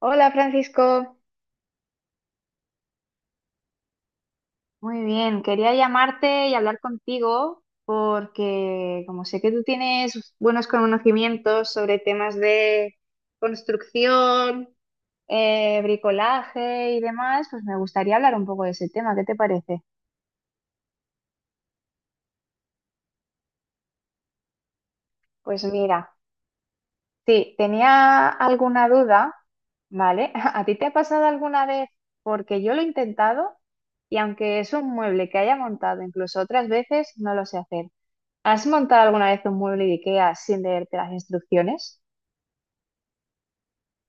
Hola, Francisco. Muy bien, quería llamarte y hablar contigo porque como sé que tú tienes buenos conocimientos sobre temas de construcción, bricolaje y demás, pues me gustaría hablar un poco de ese tema. ¿Qué te parece? Pues mira, sí, tenía alguna duda, ¿vale? ¿A ti te ha pasado alguna vez? Porque yo lo he intentado y aunque es un mueble que haya montado incluso otras veces, no lo sé hacer. ¿Has montado alguna vez un mueble de IKEA sin leerte las instrucciones?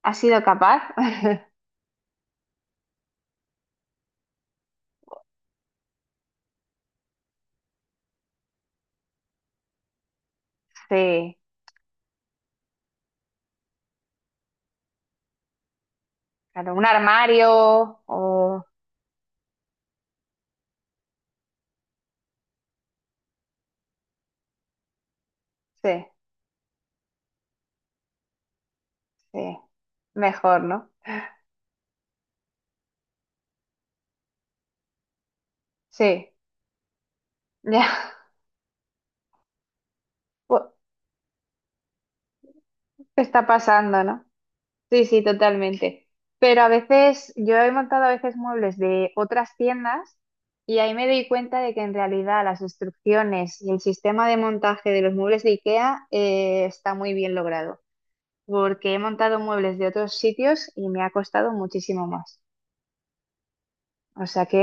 ¿Has sido capaz? Sí, claro, un armario o... Sí, sí, mejor, ¿no? Sí, ya. bu- Está pasando, ¿no? Sí, sí, totalmente. Pero a veces, yo he montado a veces muebles de otras tiendas y ahí me doy cuenta de que en realidad las instrucciones y el sistema de montaje de los muebles de IKEA está muy bien logrado. Porque he montado muebles de otros sitios y me ha costado muchísimo más. O sea que,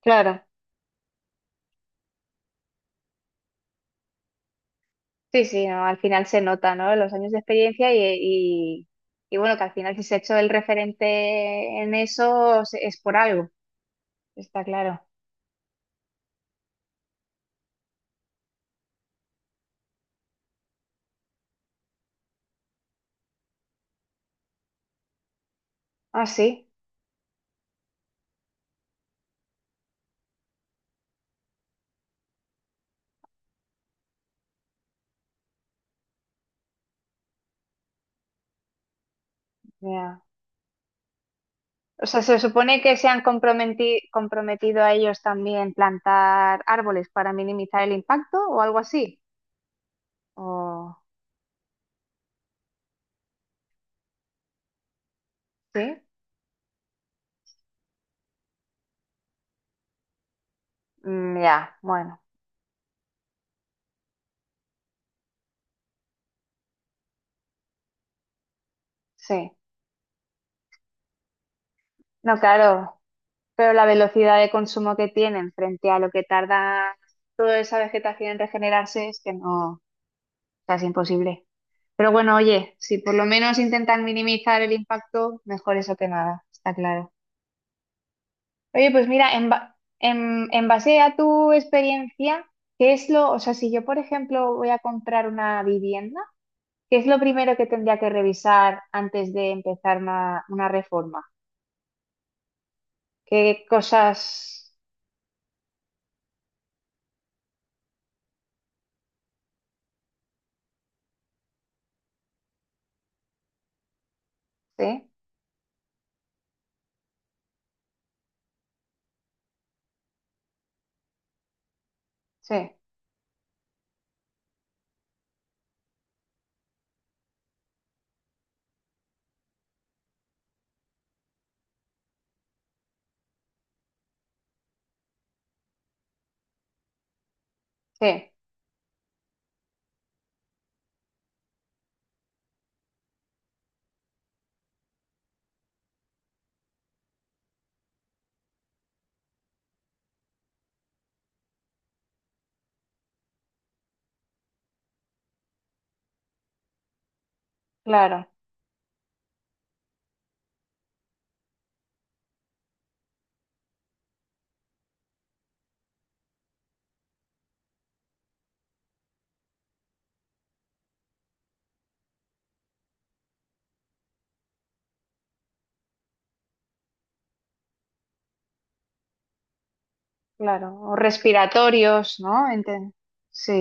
claro, sí, sí, no, al final se nota, ¿no? Los años de experiencia y, y bueno, que al final si se ha hecho el referente en eso es por algo, está claro. Ah, sí, ya. O sea, se supone que se han comprometido a ellos también plantar árboles para minimizar el impacto o algo así. O, sí. Mm, ya, bueno, sí. No, claro. Pero la velocidad de consumo que tienen frente a lo que tarda toda esa vegetación en regenerarse es que no, o sea, es imposible. Pero bueno, oye, si por lo menos intentan minimizar el impacto, mejor eso que nada, está claro. Oye, pues mira, en base a tu experiencia, ¿qué es lo, o sea, si yo, por ejemplo, voy a comprar una vivienda, ¿qué es lo primero que tendría que revisar antes de empezar una reforma? ¿Qué cosas? Sí, sí, sí, claro. Claro, o respiratorios, ¿no? Sí,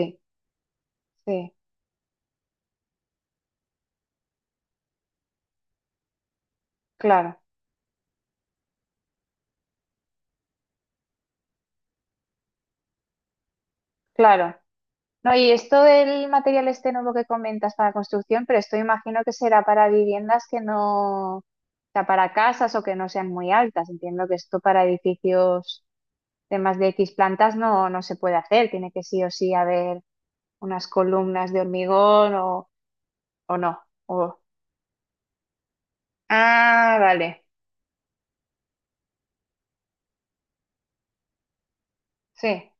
sí, claro, claro. No, y esto del material este nuevo que comentas para construcción, pero esto imagino que será para viviendas que no, o sea, para casas o que no sean muy altas. Entiendo que esto para edificios de más de X plantas no, no se puede hacer. Tiene que sí o sí haber unas columnas de hormigón o no. O... Ah, vale, sí,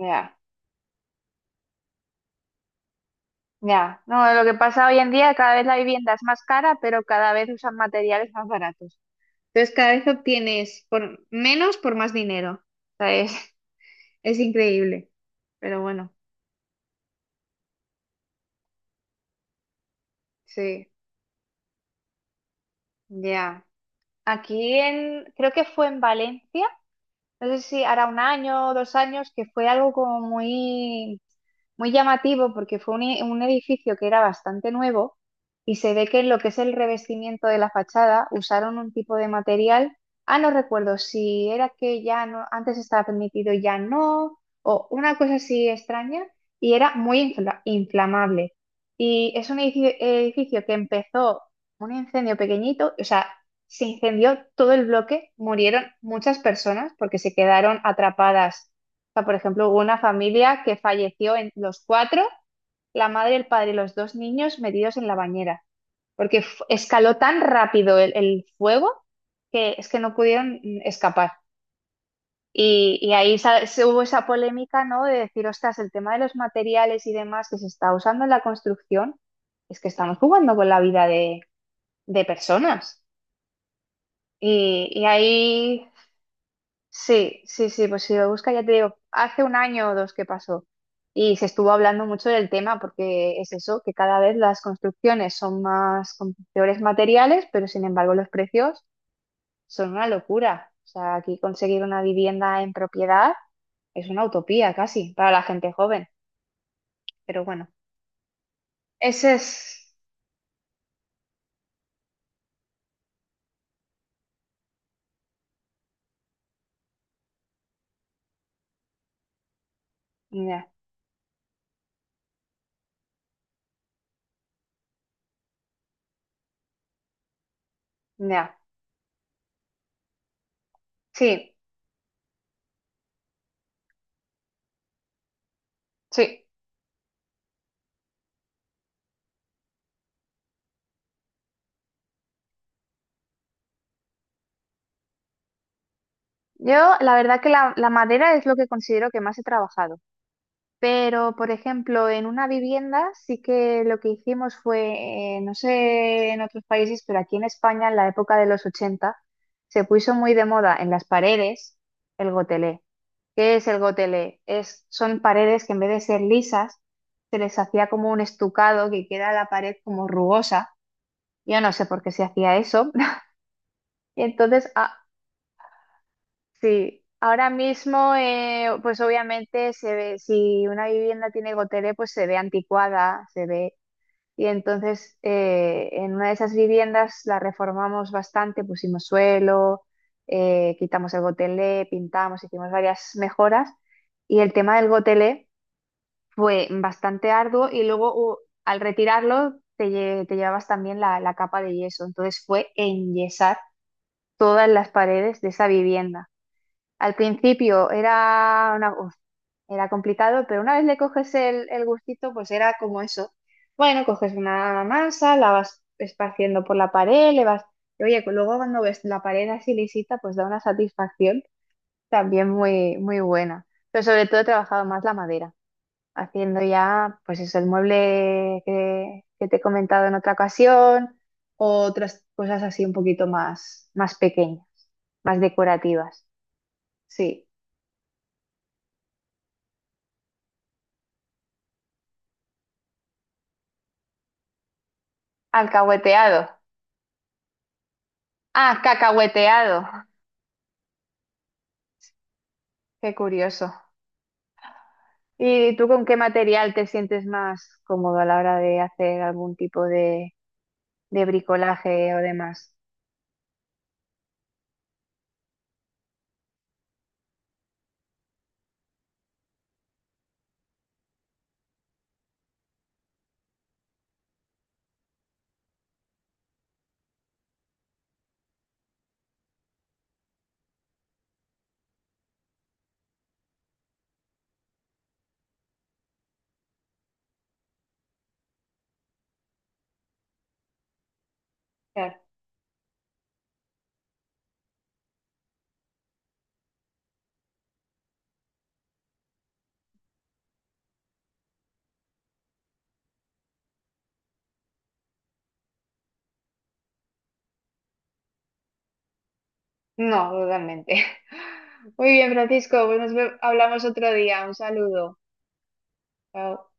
ya. Ya, no, lo que pasa hoy en día, cada vez la vivienda es más cara, pero cada vez usan materiales más baratos. Entonces, cada vez obtienes por menos por más dinero. O sea, es, es increíble. Pero bueno, sí, ya. Aquí en, creo que fue en Valencia. No sé si hará un año, o dos años, que fue algo como muy, muy llamativo porque fue un, un edificio que era bastante nuevo y se ve que en lo que es el revestimiento de la fachada usaron un tipo de material. Ah, no recuerdo si era que ya no, antes estaba permitido, y ya no, o una cosa así extraña, y era muy inflamable. Y es un edificio que empezó un incendio pequeñito, o sea, se incendió todo el bloque, murieron muchas personas porque se quedaron atrapadas. O sea, por ejemplo, hubo una familia que falleció en los cuatro, la madre, el padre y los dos niños metidos en la bañera, porque escaló tan rápido el fuego que es que no pudieron escapar. Y ahí se hubo esa polémica, ¿no? De decir, ostras, el tema de los materiales y demás que se está usando en la construcción, es que estamos jugando con la vida de personas. Y ahí sí, sí, sí, pues si lo busca, ya te digo, hace un año o dos que pasó y se estuvo hablando mucho del tema porque es eso, que cada vez las construcciones son más con peores materiales, pero sin embargo los precios son una locura. O sea, aquí conseguir una vivienda en propiedad es una utopía casi para la gente joven, pero bueno, ese es... Ya, ya, sí, sí. Yo la verdad que la madera es lo que considero que más he trabajado. Pero, por ejemplo, en una vivienda sí que lo que hicimos fue, no sé en otros países, pero aquí en España en la época de los 80 se puso muy de moda en las paredes el gotelé. ¿Qué es el gotelé? Es, son paredes que en vez de ser lisas se les hacía como un estucado que queda la pared como rugosa. Yo no sé por qué se hacía eso. Y entonces, ah, sí, ahora mismo, pues obviamente se ve, si una vivienda tiene gotelé, pues se ve anticuada, se ve, y entonces en una de esas viviendas la reformamos bastante, pusimos suelo, quitamos el gotelé, pintamos, hicimos varias mejoras. Y el tema del gotelé fue bastante arduo y luego al retirarlo te llevabas también la capa de yeso. Entonces fue enyesar todas las paredes de esa vivienda. Al principio era una, uf, era complicado, pero una vez le coges el gustito, pues era como eso. Bueno, coges una masa, la vas esparciendo por la pared, le vas... Y oye, luego cuando ves la pared así lisita, pues da una satisfacción también muy, muy buena. Pero sobre todo he trabajado más la madera, haciendo ya, pues eso, el mueble que te he comentado en otra ocasión, o otras cosas así un poquito más, más pequeñas, más decorativas. Sí. Alcahueteado. Ah, cacahueteado. Qué curioso. ¿Y tú con qué material te sientes más cómodo a la hora de hacer algún tipo de bricolaje o demás? Claro. No, totalmente. Muy bien, Francisco, pues hablamos otro día. Un saludo. Chao.